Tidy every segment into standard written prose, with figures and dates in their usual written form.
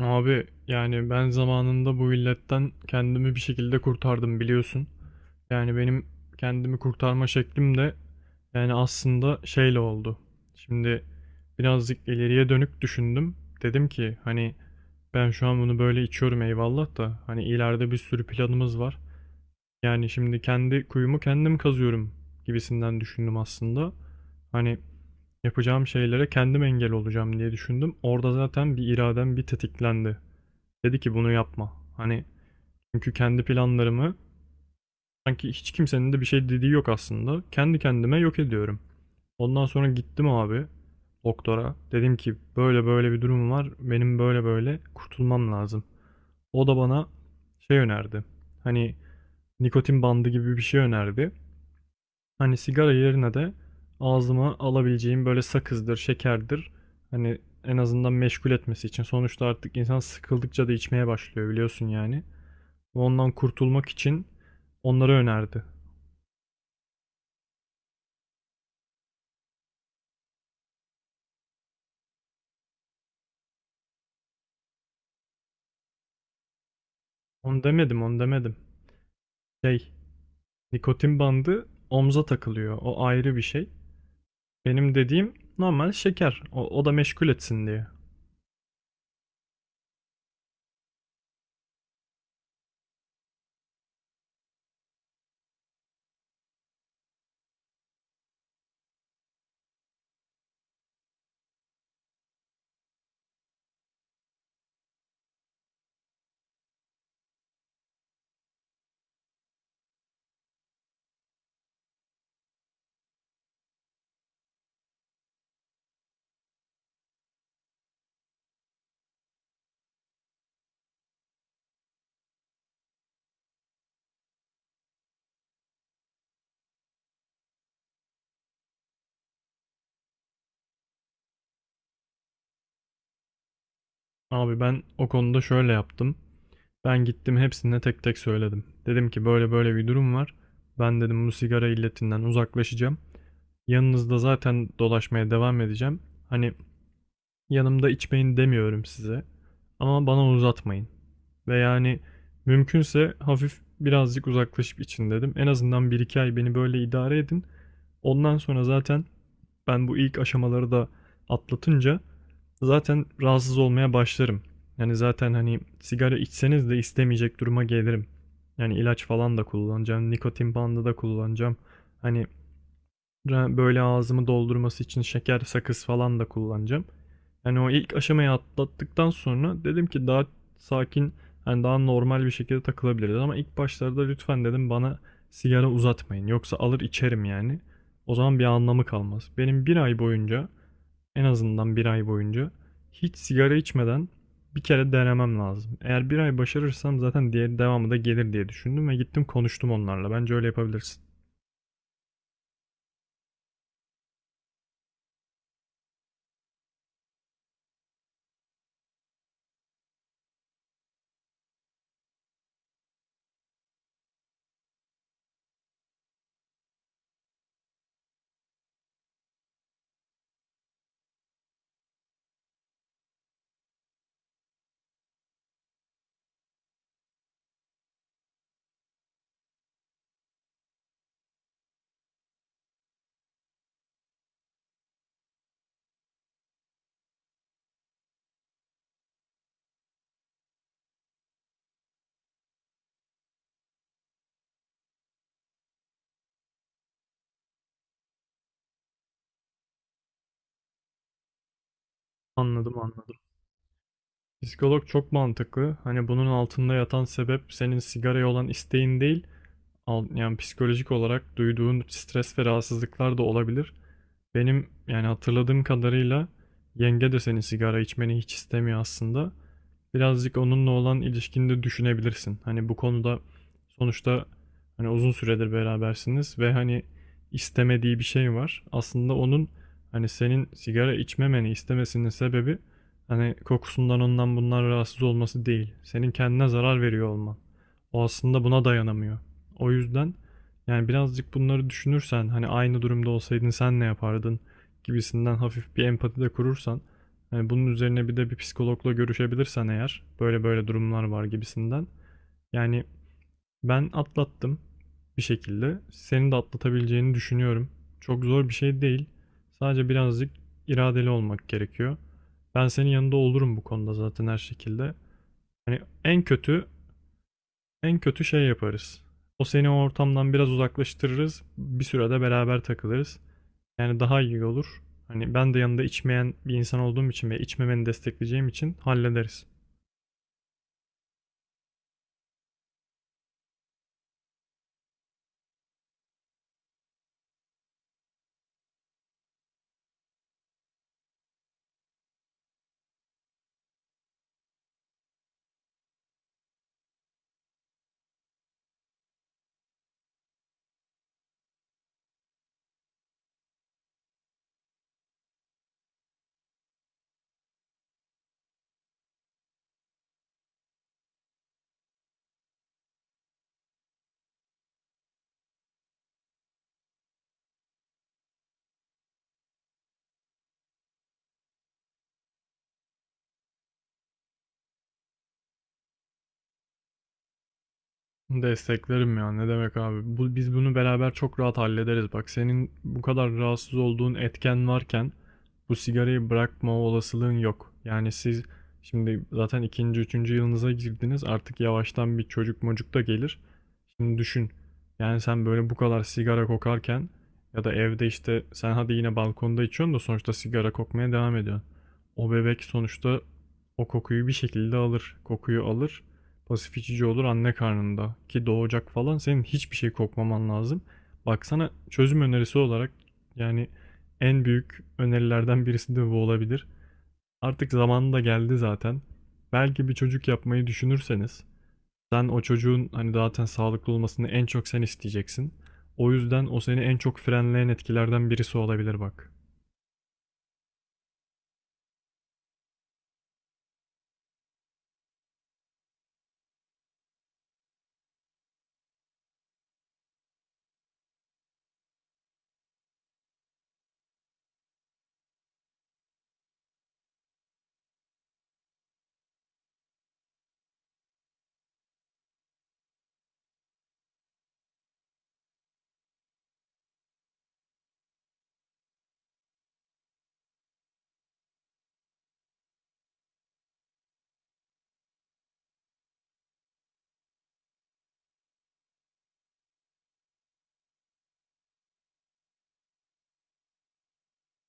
Abi yani ben zamanında bu illetten kendimi bir şekilde kurtardım biliyorsun. Yani benim kendimi kurtarma şeklim de yani aslında şeyle oldu. Şimdi birazcık ileriye dönük düşündüm. Dedim ki hani ben şu an bunu böyle içiyorum eyvallah da hani ileride bir sürü planımız var. Yani şimdi kendi kuyumu kendim kazıyorum gibisinden düşündüm aslında. Hani yapacağım şeylere kendim engel olacağım diye düşündüm. Orada zaten bir iradem bir tetiklendi. Dedi ki bunu yapma. Hani çünkü kendi planlarımı sanki hiç kimsenin de bir şey dediği yok aslında. Kendi kendime yok ediyorum. Ondan sonra gittim abi doktora. Dedim ki böyle böyle bir durum var. Benim böyle böyle kurtulmam lazım. O da bana şey önerdi. Hani nikotin bandı gibi bir şey önerdi. Hani sigara yerine de ağzıma alabileceğim böyle sakızdır, şekerdir. Hani en azından meşgul etmesi için. Sonuçta artık insan sıkıldıkça da içmeye başlıyor biliyorsun yani. Ve ondan kurtulmak için onları önerdi. Onu demedim, onu demedim. Şey, nikotin bandı omza takılıyor. O ayrı bir şey. Benim dediğim normal şeker. O da meşgul etsin diye. Abi ben o konuda şöyle yaptım. Ben gittim hepsine tek tek söyledim. Dedim ki böyle böyle bir durum var. Ben dedim bu sigara illetinden uzaklaşacağım. Yanınızda zaten dolaşmaya devam edeceğim. Hani yanımda içmeyin demiyorum size. Ama bana uzatmayın. Ve yani mümkünse hafif birazcık uzaklaşıp için dedim. En azından bir iki ay beni böyle idare edin. Ondan sonra zaten ben bu ilk aşamaları da atlatınca zaten rahatsız olmaya başlarım. Yani zaten hani sigara içseniz de istemeyecek duruma gelirim. Yani ilaç falan da kullanacağım, nikotin bandı da kullanacağım. Hani böyle ağzımı doldurması için şeker, sakız falan da kullanacağım. Yani o ilk aşamayı atlattıktan sonra dedim ki daha sakin, hani daha normal bir şekilde takılabiliriz. Ama ilk başlarda lütfen dedim bana sigara uzatmayın. Yoksa alır içerim yani. O zaman bir anlamı kalmaz. Benim bir ay boyunca, en azından bir ay boyunca hiç sigara içmeden bir kere denemem lazım. Eğer bir ay başarırsam zaten diğer devamı da gelir diye düşündüm ve gittim konuştum onlarla. Bence öyle yapabilirsin. Anladım anladım. Psikolog çok mantıklı. Hani bunun altında yatan sebep senin sigaraya olan isteğin değil, yani psikolojik olarak duyduğun stres ve rahatsızlıklar da olabilir. Benim yani hatırladığım kadarıyla yenge de senin sigara içmeni hiç istemiyor aslında, birazcık onunla olan ilişkini de düşünebilirsin. Hani bu konuda sonuçta hani uzun süredir berabersiniz ve hani istemediği bir şey var. Aslında onun hani senin sigara içmemeni istemesinin sebebi hani kokusundan ondan bundan rahatsız olması değil. Senin kendine zarar veriyor olman. O aslında buna dayanamıyor. O yüzden yani birazcık bunları düşünürsen hani aynı durumda olsaydın sen ne yapardın gibisinden hafif bir empati de kurursan, hani bunun üzerine bir de bir psikologla görüşebilirsen eğer böyle böyle durumlar var gibisinden. Yani ben atlattım bir şekilde. Senin de atlatabileceğini düşünüyorum. Çok zor bir şey değil. Sadece birazcık iradeli olmak gerekiyor. Ben senin yanında olurum bu konuda zaten her şekilde. Hani en kötü en kötü şey yaparız. O seni o ortamdan biraz uzaklaştırırız. Bir sürede beraber takılırız. Yani daha iyi olur. Hani ben de yanında içmeyen bir insan olduğum için ve içmemeni destekleyeceğim için hallederiz. Desteklerim ya. Ne demek abi? Bu, biz bunu beraber çok rahat hallederiz. Bak senin bu kadar rahatsız olduğun etken varken bu sigarayı bırakma olasılığın yok. Yani siz şimdi zaten ikinci, üçüncü yılınıza girdiniz. Artık yavaştan bir çocuk mocuk da gelir. Şimdi düşün. Yani sen böyle bu kadar sigara kokarken ya da evde işte sen hadi yine balkonda içiyorsun da sonuçta sigara kokmaya devam ediyorsun. O bebek sonuçta o kokuyu bir şekilde alır. Kokuyu alır. Pasif içici olur anne karnında ki doğacak falan senin hiçbir şey kokmaman lazım. Baksana çözüm önerisi olarak yani en büyük önerilerden birisi de bu olabilir. Artık zamanı da geldi zaten. Belki bir çocuk yapmayı düşünürseniz sen o çocuğun hani zaten sağlıklı olmasını en çok sen isteyeceksin. O yüzden o seni en çok frenleyen etkilerden birisi olabilir bak.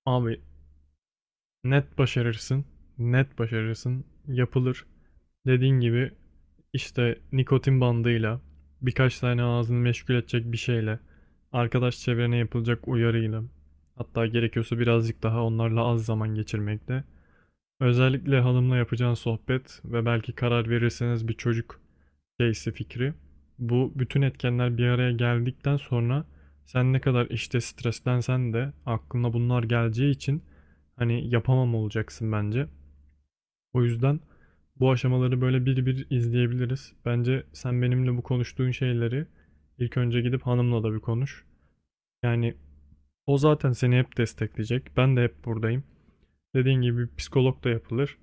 Abi net başarırsın. Net başarırsın. Yapılır. Dediğin gibi işte nikotin bandıyla, birkaç tane ağzını meşgul edecek bir şeyle, arkadaş çevrene yapılacak uyarıyla, hatta gerekiyorsa birazcık daha onlarla az zaman geçirmekle, özellikle hanımla yapacağın sohbet ve belki karar verirseniz bir çocuk şeysi fikri. Bu bütün etkenler bir araya geldikten sonra sen ne kadar işte streslensen de aklına bunlar geleceği için hani yapamam olacaksın bence. O yüzden bu aşamaları böyle bir bir izleyebiliriz. Bence sen benimle bu konuştuğun şeyleri ilk önce gidip hanımla da bir konuş. Yani o zaten seni hep destekleyecek. Ben de hep buradayım. Dediğin gibi psikolog da yapılır.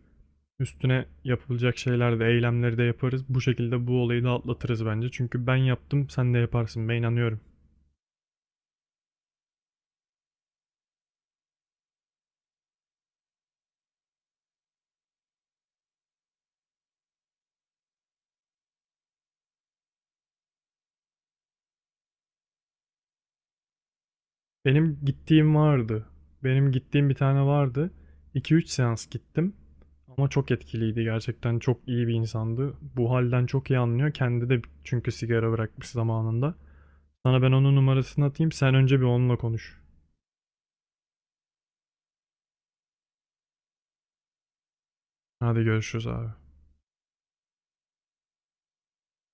Üstüne yapılacak şeyler de eylemleri de yaparız. Bu şekilde bu olayı da atlatırız bence. Çünkü ben yaptım, sen de yaparsın. Ben inanıyorum. Benim gittiğim vardı. Benim gittiğim bir tane vardı. İki üç seans gittim. Ama çok etkiliydi gerçekten. Çok iyi bir insandı. Bu halden çok iyi anlıyor. Kendi de çünkü sigara bırakmış zamanında. Sana ben onun numarasını atayım. Sen önce bir onunla konuş. Hadi görüşürüz abi.